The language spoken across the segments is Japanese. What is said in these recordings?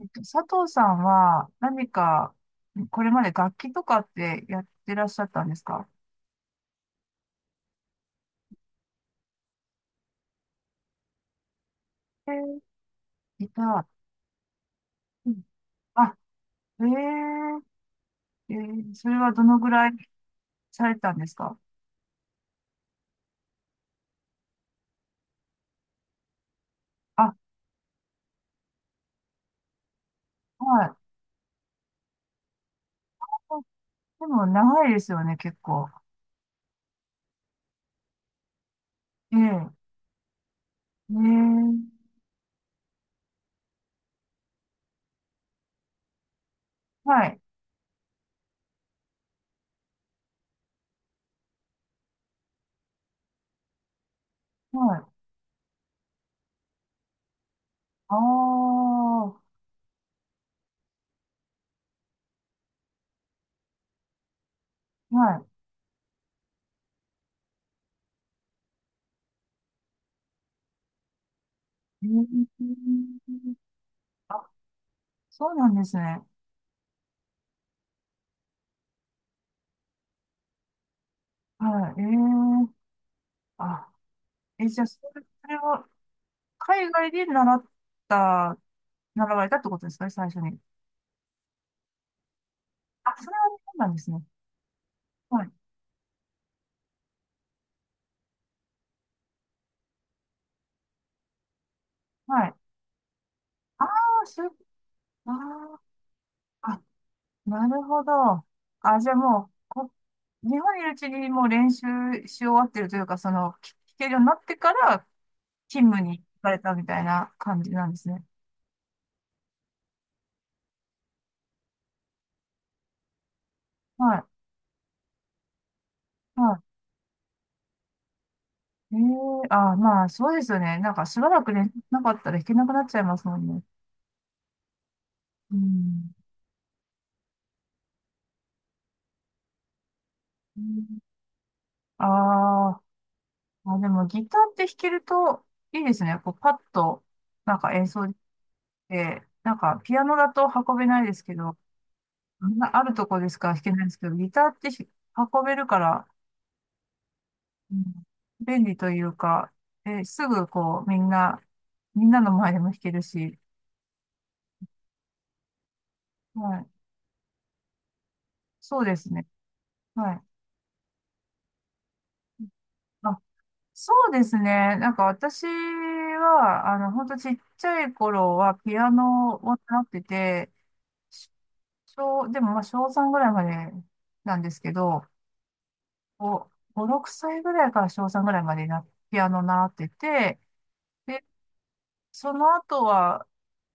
佐藤さんは何か、これまで楽器とかってやってらっしゃったんですか？えーギター。うん。あ、ええそれはどのぐらいされたんですか？あ、はい。あ、でも長いですよね、結構。ええええ、はい、はい。ああ、はい。ええ、あ、そうなんですね。はい。ええ、あ、え、じゃあ、それは海外でた習われたってことですかね、最初に？あ、それはそうなんですね。はい。はい。ああ、そういう。ああ、あ、なるほど。あ、じゃあもう、日本にいるうちにもう練習し終わってるというか、その、聞けるようになってから勤務に行かれたみたいな感じなんですね。はい。はい。ええ、あ、まあ、そうですよね。なんか、しばらくね、なかったら弾けなくなっちゃいますもんね。うん。あああ、でもギターって弾けるといいですね。こうパッとなんか演奏できて、なんかピアノだと運べないですけど、あんなあるとこですから弾けないですけど、ギターって運べるから、うん、便利というか、え、すぐこうみんなの前でも弾けるし、はい、そうですね。はい。あ、そうですね。なんか私は、あの、ほんとちっちゃい頃はピアノを習ってて、でもまあ小3ぐらいまでなんですけど、5、5、6歳ぐらいから小3ぐらいまでな、ピアノ習ってて、で、その後は、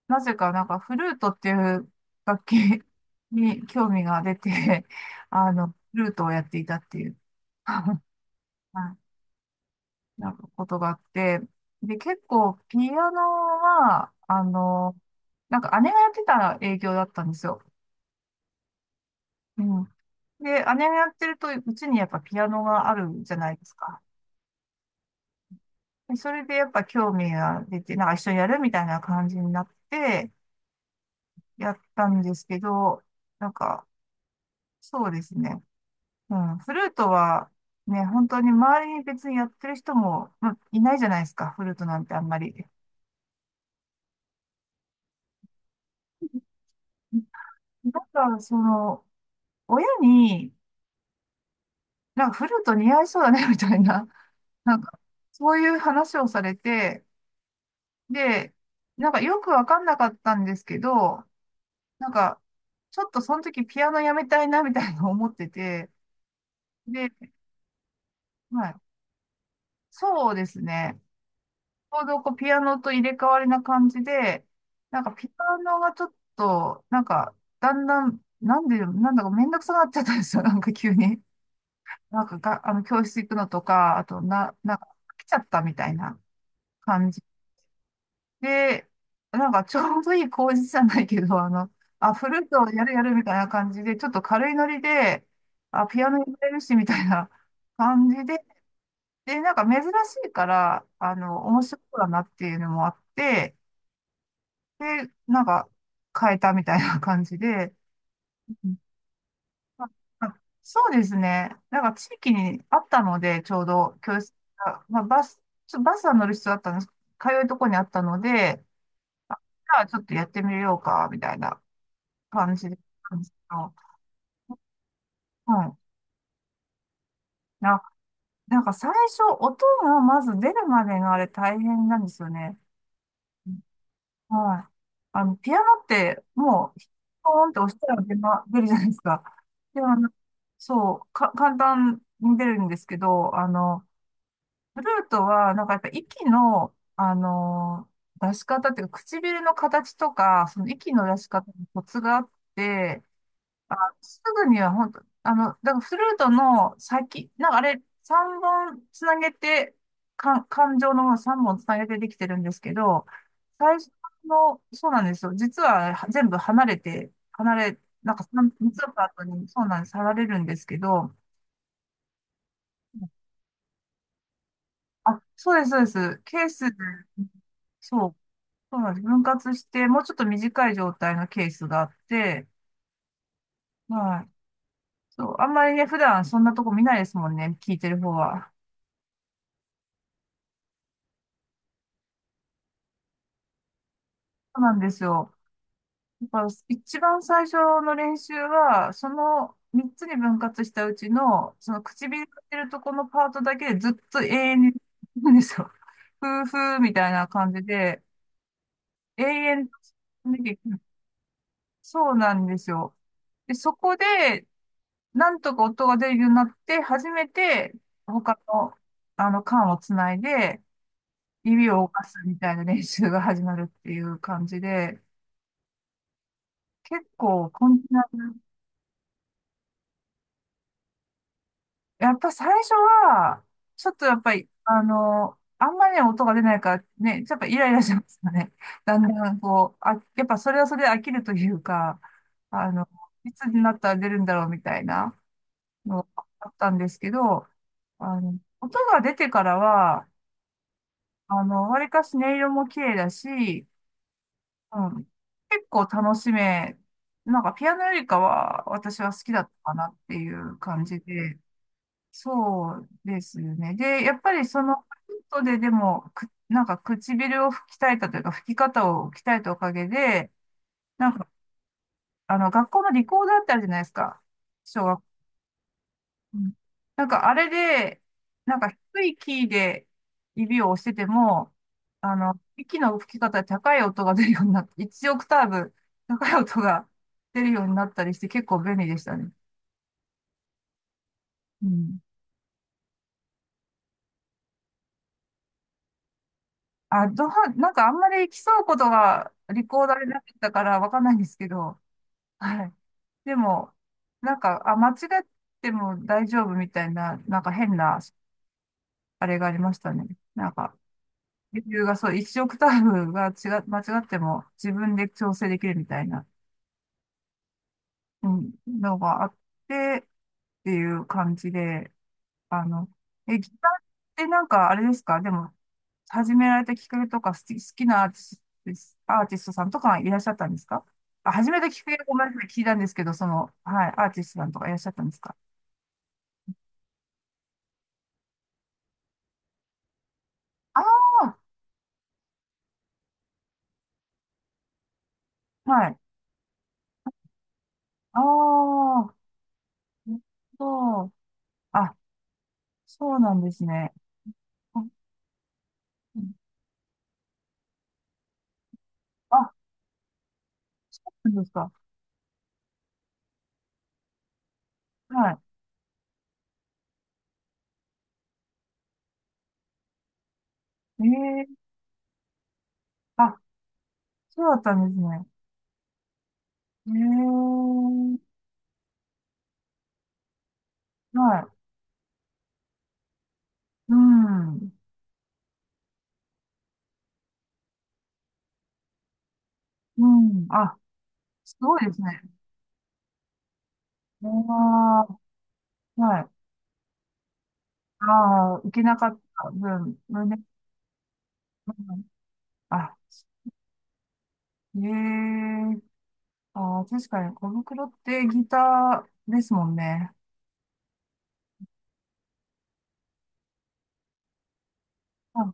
なぜかなんかフルートっていう楽器 に興味が出て、あの、フルートをやっていたっていう、はい、なんかことがあって、で、結構ピアノは、あの、なんか姉がやってた影響だったんですよ。うん。で、姉がやってると、うちにやっぱピアノがあるじゃないですか。でそれでやっぱ興味が出て、なんか一緒にやるみたいな感じになって、やったんですけど、なんか、そうですね。うん、フルートは、ね、本当に周りに別にやってる人も、まあ、いないじゃないですか、フルートなんてあんまり。なんか、その、親に、なんかフルート似合いそうだね、みたいな、なんか、そういう話をされて、で、なんかよくわかんなかったんですけど、なんか、ちょっとその時ピアノやめたいなみたいな思ってて、で、はい。そうですね。ちょうどこうピアノと入れ替わりな感じで、なんかピアノがちょっと、なんか、だんだん、なんだかめんどくさくなっちゃったんですよ。なんか急に。なんかが、あの、教室行くのとか、あと、なんか、飽きちゃったみたいな感じ。で、なんかちょうどいい工事じゃないけど、あの、あ、フルートをやるやるみたいな感じで、ちょっと軽いノリで、あ、ピアノやれるしみたいな感じで、で、なんか珍しいから、あの、面白そうだなっていうのもあって、で、なんか変えたみたいな感じで、うん、ああ、そうですね。なんか地域にあったので、ちょうど教室が、まあ、バスは乗る必要あったんです。通うとこにあったので、あ、じゃあちょっとやってみようか、みたいな感じなんですよ。うん。な、なんか最初、音がまず出るまでがあれ大変なんですよね。はい。あの、ピアノって、もう、ポーンって押したら出るじゃないですか。でも、あの、そう、簡単に出るんですけど、あの、フルートは、なんかやっぱ息の、あの、出し方っていうか、唇の形とか、その息の出し方にコツがあって、あ、すぐには本当、あの、だからフルートの先、なんかあれ、3本つなげて、感情の3本つなげてできてるんですけど、最初の、そうなんですよ。実はは全部離れて、なんか3、三みっつのパートに、そうなんです、離れるんですけど、あ、そうです、そうです。ケースで、そう、そうなんです。分割して、もうちょっと短い状態のケースがあって、はい。そう、あんまりね、普段そんなとこ見ないですもんね、聞いてる方は。そうなんですよ。だから一番最初の練習は、その3つに分割したうちの、その唇が出るとこのパートだけでずっと永遠に、なんですよ。ふーふーみたいな感じで、永遠と、そうなんですよ。で、そこで、なんとか音が出るようになって、初めて、他の、あの、管をつないで、指を動かすみたいな練習が始まるっていう感じで、結構、コこんなやっぱ最初は、ちょっとやっぱり、あの、あんまりね、音が出ないからね、やっぱイライラしますよね。だんだんこう、あ、やっぱそれはそれで飽きるというか、あの、いつになったら出るんだろうみたいなのがあったんですけど、あの、音が出てからは、あの、わりかし音色も綺麗だし、うん、結構楽しめ、なんかピアノよりかは私は好きだったかなっていう感じで、そうですね。で、やっぱりその、ヒントででも、なんか唇を吹き鍛えたというか、吹き方を鍛えたおかげで、なんか、あの、学校のリコーダーってあるじゃないですか。小学校。うん、なんか、あれで、なんか低いキーで指を押してても、あの、息の吹き方で高い音が出るようになって、1オクターブ高い音が出るようになったりして、結構便利でしたね。うん。あ、なんかあんまり競うことがリコーダーでなかったからわかんないんですけど、はい。でも、なんか、あ、間違っても大丈夫みたいな、なんか変な、あれがありましたね。なんか、レビューがそう、一オクターブが違う、間違っても自分で調整できるみたいな、うん、のがあってっていう感じで、あの、え、ギターってなんかあれですかでも、始められたきっかけとか、好きなアーティストさんとかいらっしゃったんですか？あ、始めたきっかけごめんなさい、聞いたんですけど、その、はい、アーティストさんとかいらっしゃったんですか？ああー、はい。ああ、なるほど。あ、そうなんですね。うん。あ、そうなんですか？はい。ええ、あ、そうだったんですね。ええ、はい。うん。うん。あ、すごいですね。ああ、はい。ああ、行けなかった分、うん、あ、ええ、ああ、確かに、小袋ってギターですもんね。あ、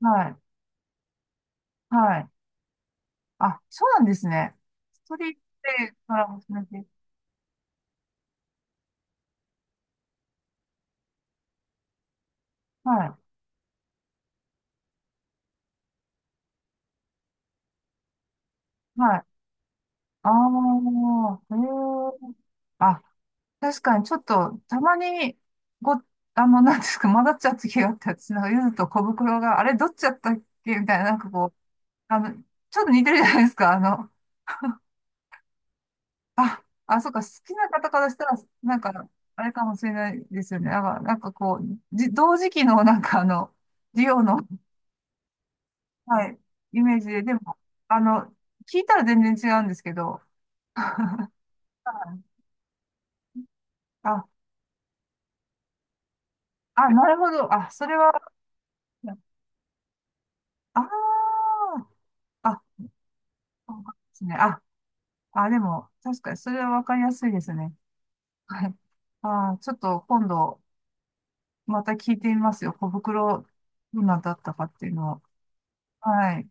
はい、はい。あ、そうなんですね。ストリートでコラボされて、はい、はい。ああ、ええ、あ、確かに、ちょっと、たまに、ご、あの、なんですか、混ざっちゃう時があって、私なんか、ゆずと小袋が、あれ、どっちだったっけみたいな、なんかこう、あの、ちょっと似てるじゃないですか、あの、あ、あ、そうか、好きな方からしたら、なんか、あれかもしれないですよね。なんか、なんかこう、同時期の、なんかあの、リオの、はい、イメージで、でも、あの、聞いたら全然違うんですけど。はい、あ、あ、なるほど。あ、それは、あー、あ、そうですね。あ、あ、でも、確かに、それはわかりやすいですね。はい。あー、ちょっと今度、また聞いてみますよ。小袋、どんなだったかっていうのを。はい。